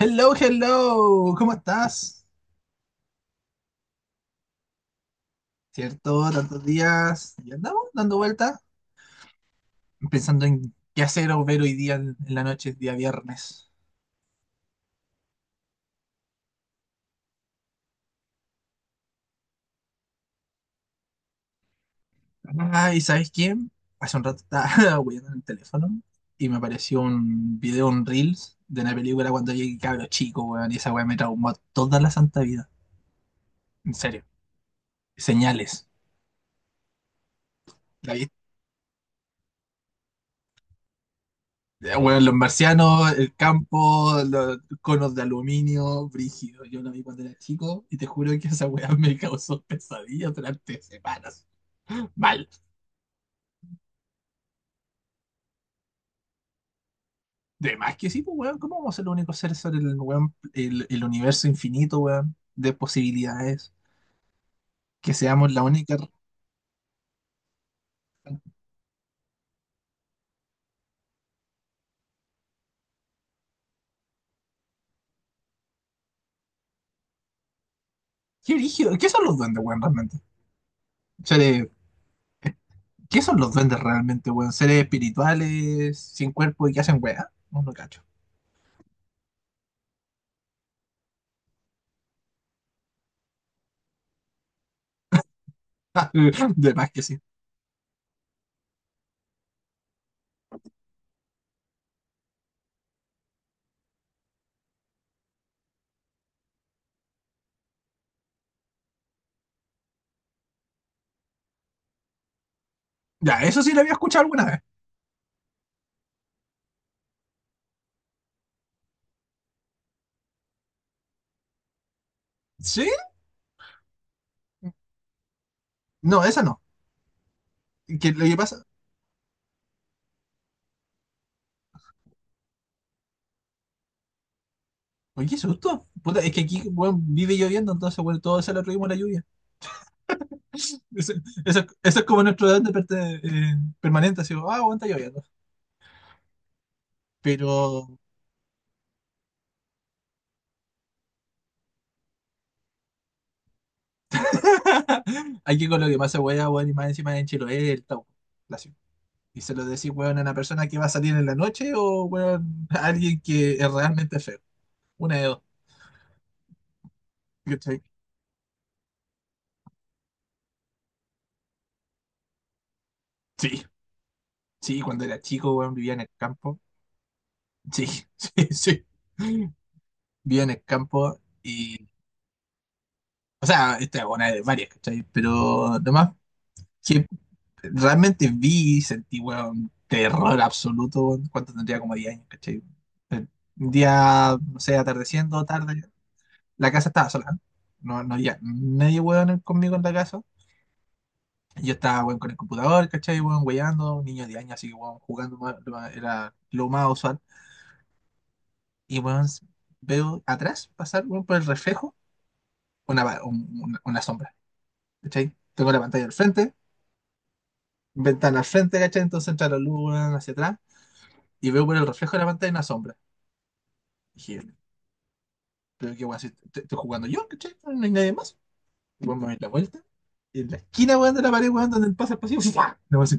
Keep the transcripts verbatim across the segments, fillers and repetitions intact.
Hello, hello, ¿cómo estás? ¿Cierto? Tantos días. Y andamos dando vueltas, pensando en qué hacer o ver hoy día en en la noche, día viernes. Ah, ¿y sabes quién? Hace un rato estaba hueando en el teléfono y me apareció un video, un Reels de una película cuando llegué cabro chico, weón, y esa weá me traumó toda la santa vida. En serio. Señales. Eh, Bueno, los marcianos, el campo, los conos de aluminio, brígido. Yo lo vi cuando era chico y te juro que esa weá me causó pesadillas durante semanas. Mal. De más que sí, pues weón, ¿cómo vamos a ser los únicos seres sobre el, weón, el, el universo infinito, weón, de posibilidades? Que seamos la única. ¿Qué brígido? ¿Qué son los duendes, weón, realmente? Seres- ¿Qué son los duendes realmente, weón? ¿Seres espirituales, sin cuerpo y que hacen weá? No, no cacho. De más que sí. Ya, eso sí lo había escuchado alguna vez. Sí. No, esa no. Que lo que pasa. Oye, qué susto. Puta, es que aquí, weón, vive lloviendo, entonces, bueno, todo se lo atribuimos a la lluvia. Eso, eso, eso es como nuestro edad de perte- eh, permanente, así, ah, weón, está lloviendo. Pero aquí con lo que pasa, weón, weón, y más encima en Chiloé, el tau. La ciudad. Y se lo decís, weón, a una persona que va a salir en la noche o, weón, a alguien que es realmente feo. Una de dos. ¿Cachai? Sí, sí, cuando era chico, weón, vivía en el campo. Sí, sí, sí. Vivía en el campo. O sea, esta es una de varias, ¿cachai? Pero lo más que realmente vi y sentí, weón, terror absoluto, weón, cuando tendría como diez años, ¿cachai? Eh, Un día, no sé, atardeciendo, tarde, la casa estaba sola. ¿Eh? No, no había nadie, weón, en- conmigo en la casa. Yo estaba, weón, con el computador, ¿cachai? Weón, weyando, un niño de 10 años, así que, weón, jugando ma- lo más- era lo más usual. Y, weón, s- veo atrás pasar, weón, por el reflejo, una, va- un- una, una sombra, ¿cachai? Tengo la pantalla al frente, ventana al frente, ¿cachai? Entonces entra la luz weón, hacia atrás y veo por el reflejo de la pantalla una sombra. Dije, pero qué weón, si est- estoy jugando yo, ¿cachai? No hay nadie más. Y weón me doy la vuelta. Y en la esquina, weón, de la pared, weón, donde pasa el pasillo, ¡fua! Y weón, así,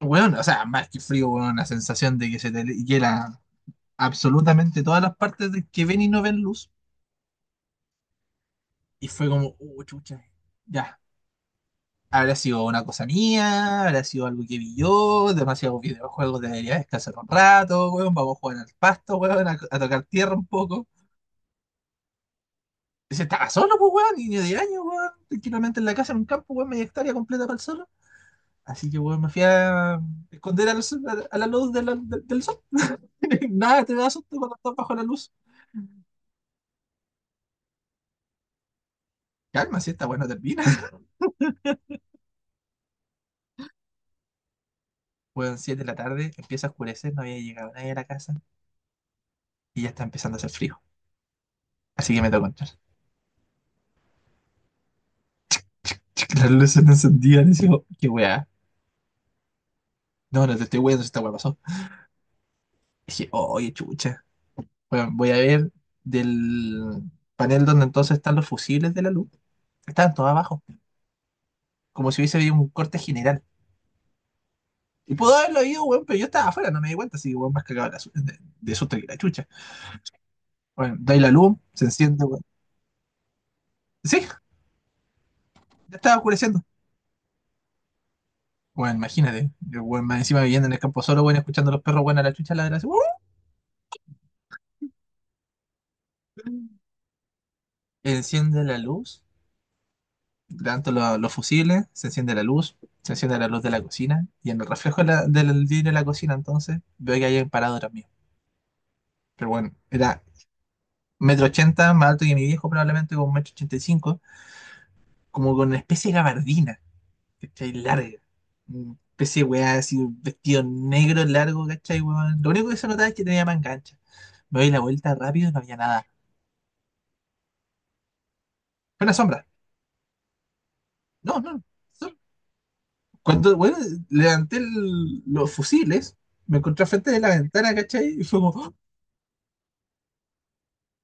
weón, o sea, más que frío, weón, la sensación de que se te hiela absolutamente todas las partes de que ven y no ven luz. Y fue como, uh, chucha, ya, ¿habrá sido una cosa mía? ¿Habrá sido algo que vi yo? Demasiados videojuegos, debería descansar un rato, weón. Vamos a jugar al pasto, weón, a, a tocar tierra un poco. Y se estaba solo, pues, weón, niño de año, weón. Tranquilamente en la casa, en un campo, weón, media hectárea completa para el solo. Así que, weón, me fui a esconder a, los- a- a la luz de la- de- del sol. Nada, te da susto cuando estás bajo la luz. Calma, si esta bueno termina. Weón, siete de la tarde, empieza a oscurecer, no había llegado nadie a la casa y ya está empezando a hacer frío. Así que me tocó entrar. Las luces no encendían. Y digo, qué weá. No, no te estoy weando, esta weá pasó. Dije, "Oh, oye, chucha. Bueno, voy a ver del panel donde entonces están los fusibles de la luz. Estaban todos abajo, como si hubiese habido un corte general. Y pudo haberlo habido, weón, pero yo estaba afuera, no me di cuenta, así que, weón, más cagado la su- de, de susto que la chucha. Bueno, doy la luz, se enciende, weón. Sí, ya estaba oscureciendo. Bueno, imagínate, yo, weón, más encima viviendo en el campo solo, weón, escuchando a los perros, weón, a la chucha, la de la... Enciende la luz. Levanto lo- los fusibles, se enciende la luz, se enciende la luz de la cocina y en el reflejo de la- del vidrio de la cocina entonces veo que hay un parador mío. Pero bueno, era metro ochenta, más alto que mi viejo probablemente, con metro ochenta y cinco, como con una especie de gabardina, ¿cachai? Larga. Una especie de weá así, un vestido negro largo, ¿cachai, weón? Lo único que se notaba es que tenía manga ancha. Me doy la vuelta rápido y no había nada. Fue una sombra. No, no, no. Cuando, bueno, levanté el- los fusiles, me encontré frente de la ventana, ¿cachai? Y fue como, ¡oh!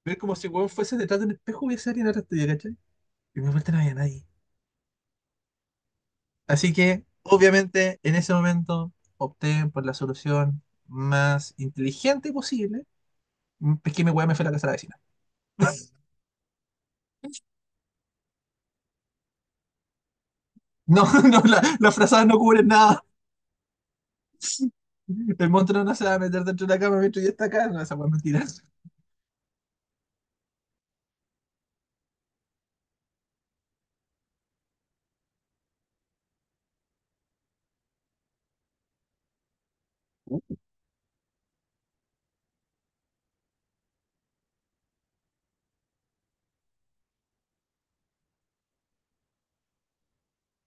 Ver como si weón fuese detrás de un espejo hubiese alguien atrás tuyo, ¿cachai? Y me vuelta no había nadie. Así que, obviamente, en ese momento opté por la solución más inteligente posible. Mm, Es que mi weá me fue a la casa de la vecina. No, no, la- las frazadas no cubren nada. El monstruo no se va a meter dentro de la cama mientras yo está acá. No, esa weá es mentira.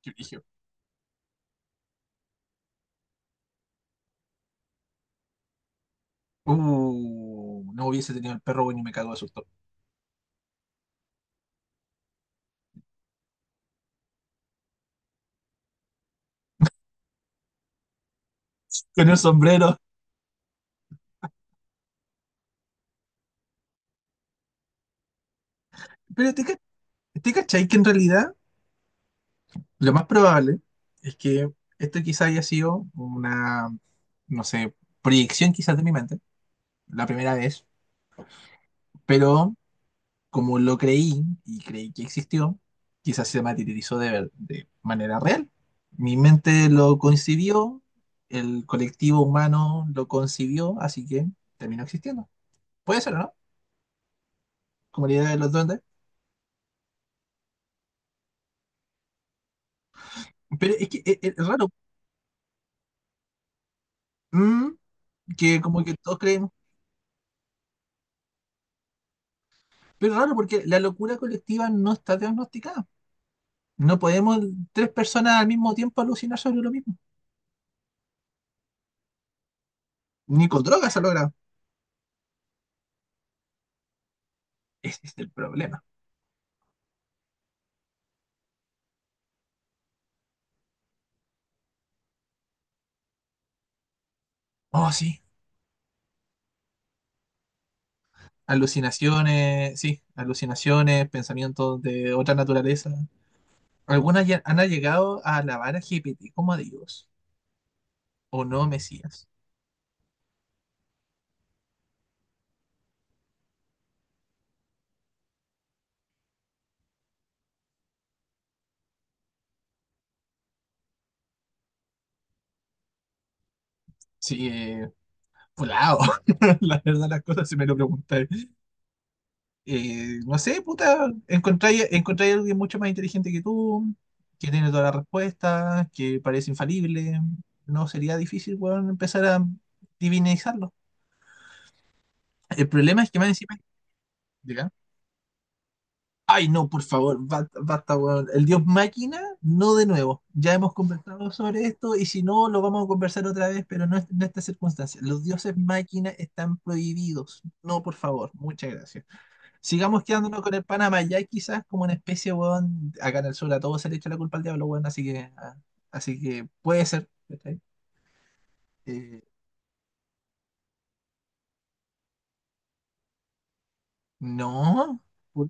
Qué brillo. Uh, no hubiese tenido el perro, bueno, y me cago de susto. Con el sombrero. Pero te, ca- te cachai que en realidad lo más probable es que esto quizá haya sido una, no sé, proyección quizás de mi mente, la primera vez, pero como lo creí y creí que existió, quizás se materializó de, ver- de manera real. Mi mente lo concibió, el colectivo humano lo concibió, así que terminó existiendo. Puede ser, ¿no? Como la idea de los duendes. Pero es que es, es raro. mm, que como que todos creemos. Pero raro, porque la locura colectiva no está diagnosticada. No podemos tres personas al mismo tiempo alucinar sobre lo mismo. Ni con drogas se logra. Ese es el problema. Oh, sí. Alucinaciones, sí. Alucinaciones, pensamientos de otra naturaleza. Algunas ya han llegado a alabar a G P T como a Dios. ¿O no, Mesías? Sí, eh, volado. La verdad, las cosas, si me lo preguntáis. eh, no sé, puta, encontráis encontráis a alguien mucho más inteligente que tú, que tiene todas las respuestas, que parece infalible. No sería difícil, weón, empezar a divinizarlo. El problema es que más encima. Diga. Ay, no, por favor, ba- basta, weón. El dios máquina, no de nuevo. Ya hemos conversado sobre esto y si no, lo vamos a conversar otra vez, pero no es- en estas circunstancias. Los dioses máquina están prohibidos. No, por favor, muchas gracias. Sigamos quedándonos con el Panamá, ya quizás como una especie, weón, acá en el sur a todo se le echa la culpa al diablo, weón, así que, ah, así que puede ser. ¿Cachai? Eh, no, we-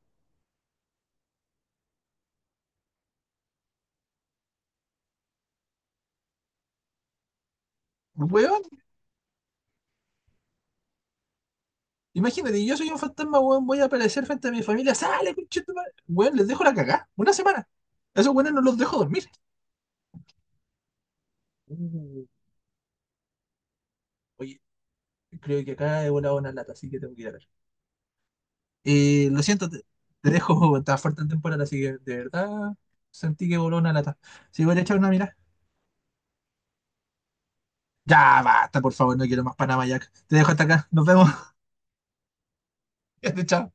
weón, imagínate, yo soy un fantasma, weón, voy a aparecer frente a mi familia, sale, pinche tu madre". Weón, les dejo la cagá, una semana. A esos weones no los dejo dormir. Uh, Oye, creo que acá he volado una lata, así que tengo que ir a ver. Eh, lo siento, te, te dejo, estaba fuerte en temporada, así que de verdad sentí que voló una lata. Si voy a echar una mirada. Ya basta, por favor, no quiero más Panama Jack. Te dejo hasta acá. Nos vemos. Chao.